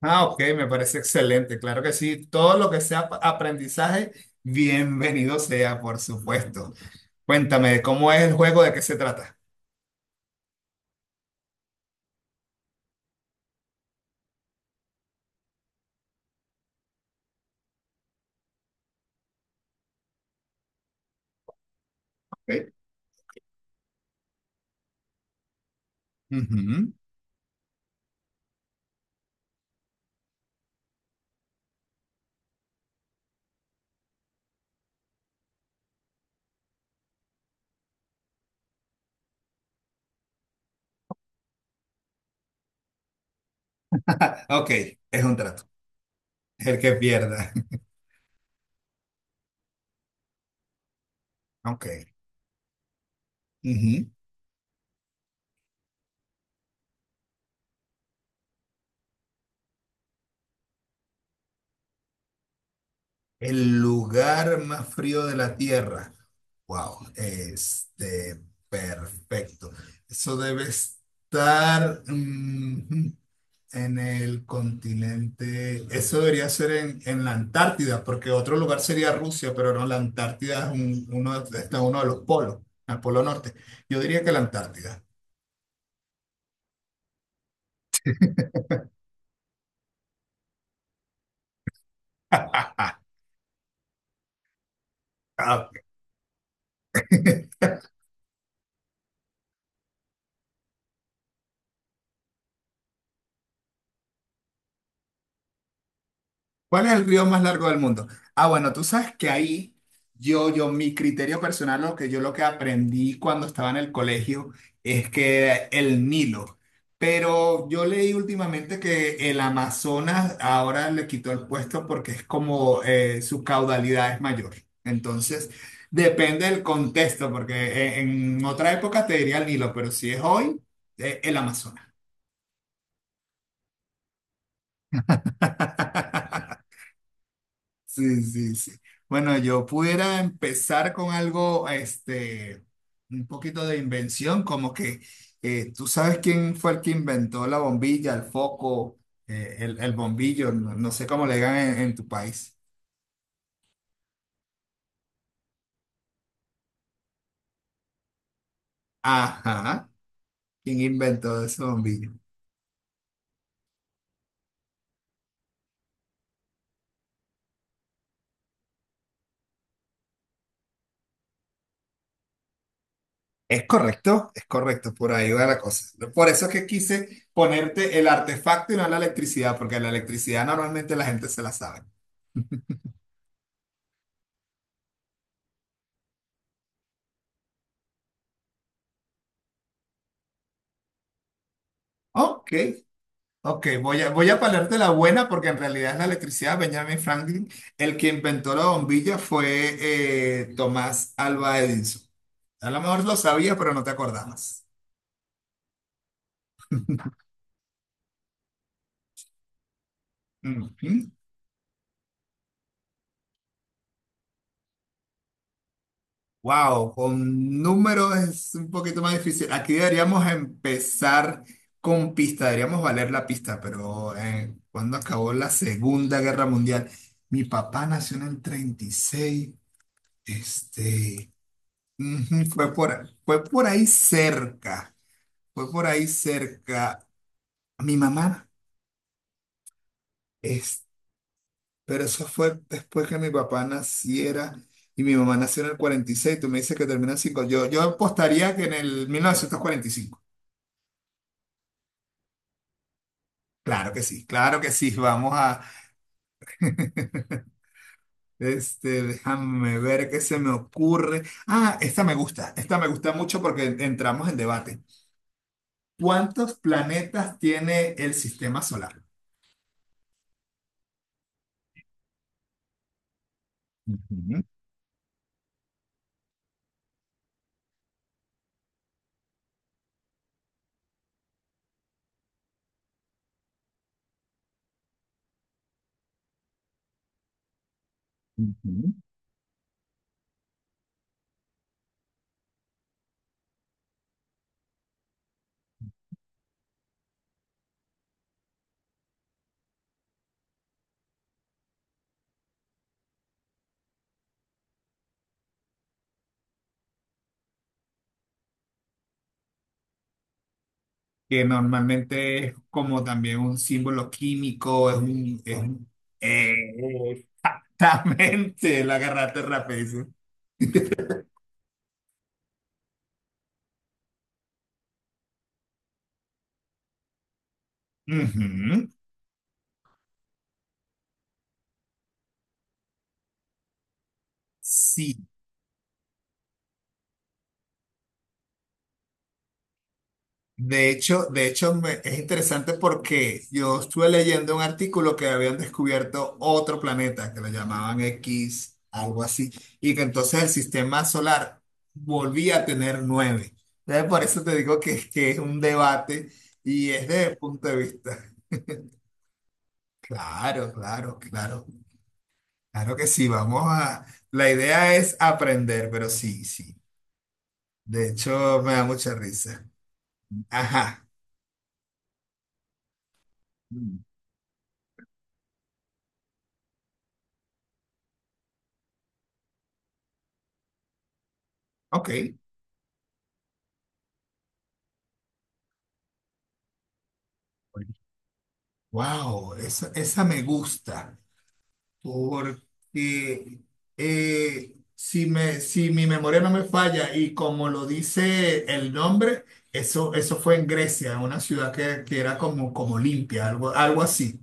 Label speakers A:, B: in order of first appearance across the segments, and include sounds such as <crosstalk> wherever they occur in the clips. A: Ah, ok, me parece excelente, claro que sí. Todo lo que sea aprendizaje, bienvenido sea, por supuesto. Cuéntame, ¿cómo es el juego? ¿De qué se trata? Ok. Ujú. Ok, es un trato. El que pierda. <laughs> Ok. Ujú. El lugar más frío de la Tierra. Wow, perfecto. Eso debe estar. En el continente, eso debería ser en la Antártida, porque otro lugar sería Rusia, pero no, la Antártida es uno, está en uno de los polos, el polo norte. Yo diría que la Antártida. <laughs> Ah, ¿cuál es el río más largo del mundo? Ah, bueno, tú sabes que ahí mi criterio personal, lo que yo lo que aprendí cuando estaba en el colegio es que el Nilo. Pero yo leí últimamente que el Amazonas ahora le quitó el puesto porque es como su caudalidad es mayor. Entonces, depende del contexto, porque otra época te diría el Nilo, pero si es hoy, el Amazonas. <laughs> Sí, sí, sí. Bueno, yo pudiera empezar con algo, un poquito de invención, como que tú sabes quién fue el que inventó la bombilla, el foco, el bombillo, no, no sé cómo le digan en tu país. Ajá, ¿quién inventó ese bombillo? Es correcto, por ahí va la cosa. Por eso es que quise ponerte el artefacto y no la electricidad, porque la electricidad normalmente la gente se la sabe. Ok. Ok, voy a palarte la buena porque en realidad es la electricidad. Benjamin Franklin, el que inventó la bombilla fue Tomás Alva Edison. A lo mejor lo sabías, pero no te acordabas. Wow, con números es un poquito más difícil. Aquí deberíamos empezar con pista, deberíamos valer la pista, pero cuando acabó la Segunda Guerra Mundial, mi papá nació en el 36, este... Ujú. Fue por ahí cerca, fue por ahí cerca mi mamá, es, pero eso fue después que mi papá naciera y mi mamá nació en el 46, tú me dices que termina en 5 yo apostaría que en el 1945, claro que sí, vamos a... <laughs> Este, déjame ver qué se me ocurre. Ah, esta me gusta mucho porque entramos en debate. ¿Cuántos planetas tiene el sistema solar? Ujú. Ujú. Que normalmente es como también un símbolo químico, eh, exactamente, la agarraste rapidísimo. Ujú. Sí, de hecho, es interesante porque yo estuve leyendo un artículo que habían descubierto otro planeta que lo llamaban X, algo así, y que entonces el sistema solar volvía a tener nueve. Entonces, por eso te digo que es un debate y es desde el punto de vista. Claro, claro, claro. Claro que sí, vamos a... La idea es aprender, pero sí, sí. De hecho, me da mucha risa. Ajá. Mm. Ok. Wow, esa me gusta. Porque si mi memoria no me falla y como lo dice el nombre, eso fue en Grecia, en una ciudad que era como, como limpia, algo, algo así.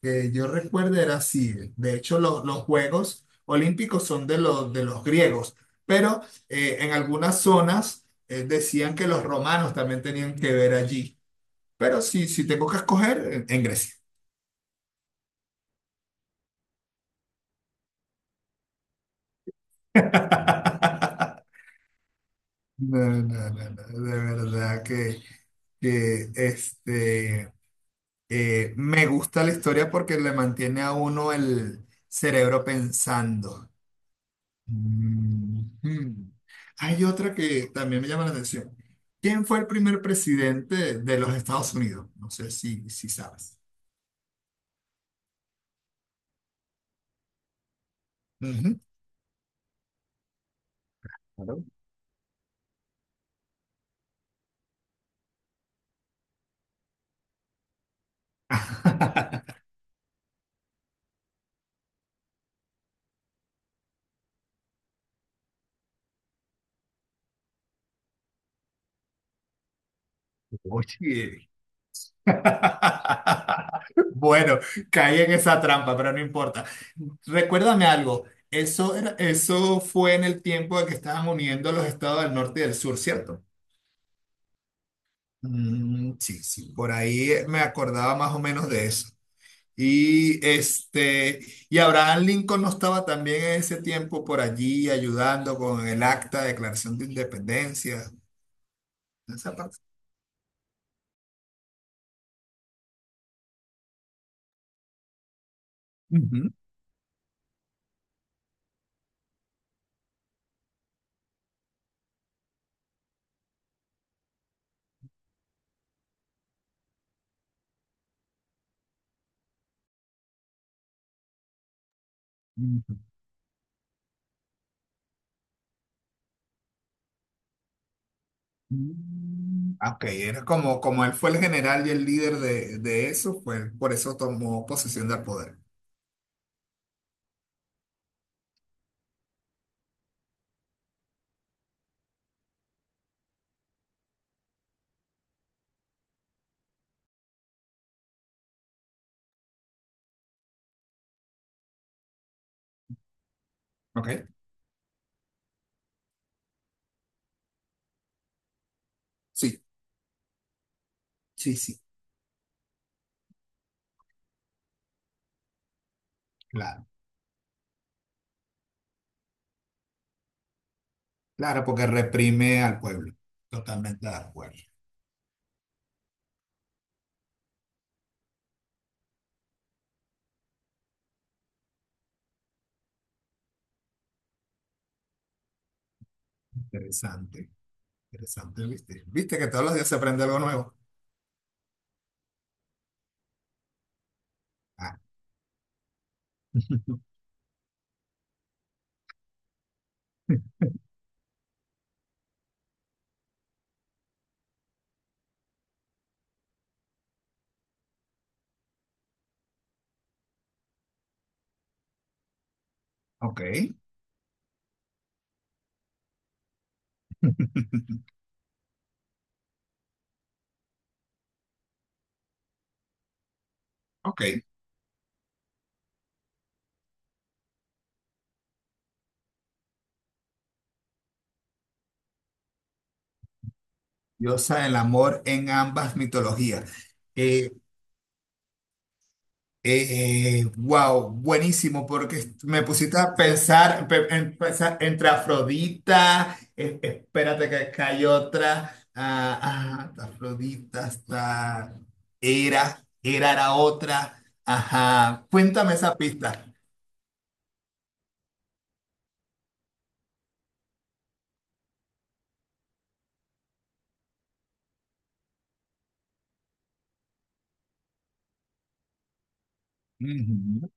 A: Que yo recuerde era así. De hecho, los Juegos Olímpicos son de los griegos, pero en algunas zonas decían que los romanos también tenían que ver allí. Pero sí, si tengo que escoger, en Grecia. <laughs> No, no, no, no, de verdad que este, me gusta la historia porque le mantiene a uno el cerebro pensando. Ujú. Hay otra que también me llama la atención. ¿Quién fue el primer presidente de los Estados Unidos? No sé si sabes. Ujú. Claro. <laughs> Oye. <laughs> Bueno, caí en esa trampa, pero no importa. Recuérdame algo. Eso fue en el tiempo de que estaban uniendo los estados del norte y del sur, ¿cierto? Mm, sí, sí, por ahí me acordaba más o menos de eso. Y este, y Abraham Lincoln no estaba también en ese tiempo por allí ayudando con el acta de declaración de independencia. Esa parte. Ujú, ujú. Mm, ok, era como, como él fue el general y el líder de eso, pues por eso tomó posesión del poder. ¿Ok? Sí, sí, sí, claro. Claro, porque reprime al pueblo. Totalmente de acuerdo. Interesante, interesante, ¿viste? ¿Viste que todos los días se aprende algo nuevo? Ah. <laughs> Ok. <laughs> Ok, diosa del amor en ambas mitologías. Eh, wow, buenísimo, porque me pusiste a pensar, en pensar entre Afrodita, espérate que hay otra, ah, ah, Afrodita, hasta Hera, Hera era otra, ajá, cuéntame esa pista. Ujú,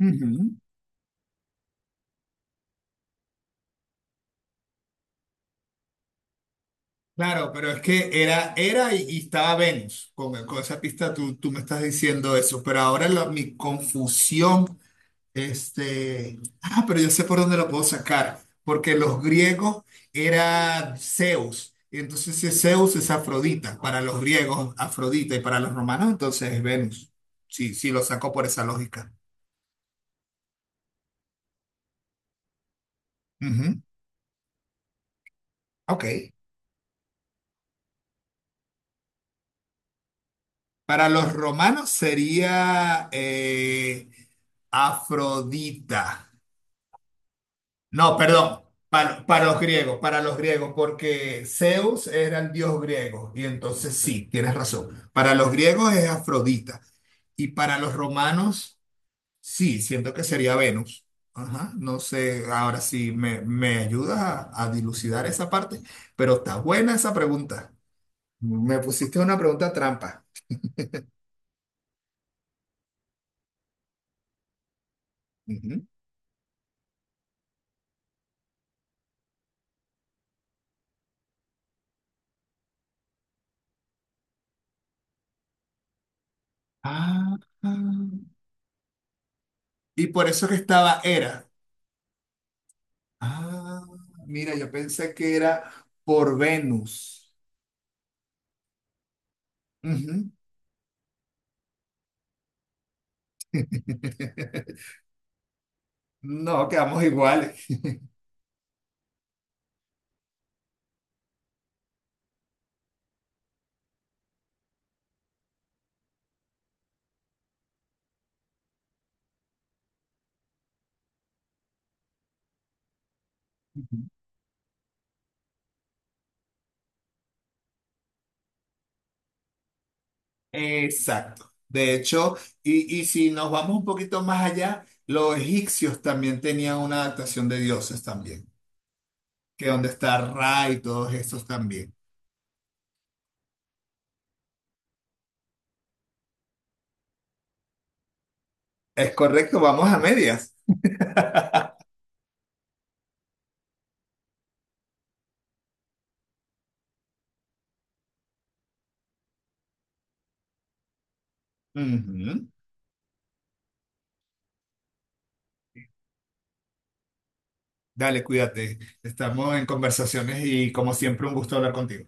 A: ujú. Claro, pero es que era, era y estaba Venus. Con esa pista tú me estás diciendo eso, pero ahora mi confusión, este, ah, pero yo sé por dónde lo puedo sacar, porque los griegos era Zeus, y entonces si es Zeus es Afrodita, para los griegos Afrodita y para los romanos entonces es Venus. Sí, sí, lo saco por esa lógica. Ujú. Ok. Para los romanos sería Afrodita. No, perdón, para los griegos, porque Zeus era el dios griego, y entonces sí, tienes razón. Para los griegos es Afrodita, y para los romanos, sí, siento que sería Venus. Ajá, no sé, ahora sí me ayudas a dilucidar esa parte, pero está buena esa pregunta. Me pusiste una pregunta trampa. Ujú. Ah, ah. Y por eso que estaba Hera. Ah, mira, yo pensé que era por Venus. Ujú. <laughs> No, quedamos iguales. Ujú. Exacto. De hecho, y si nos vamos un poquito más allá, los egipcios también tenían una adaptación de dioses también, que donde está Ra y todos esos también. Es correcto, vamos a medias. Ujú. Dale, cuídate. Estamos en conversaciones y como siempre un gusto hablar contigo.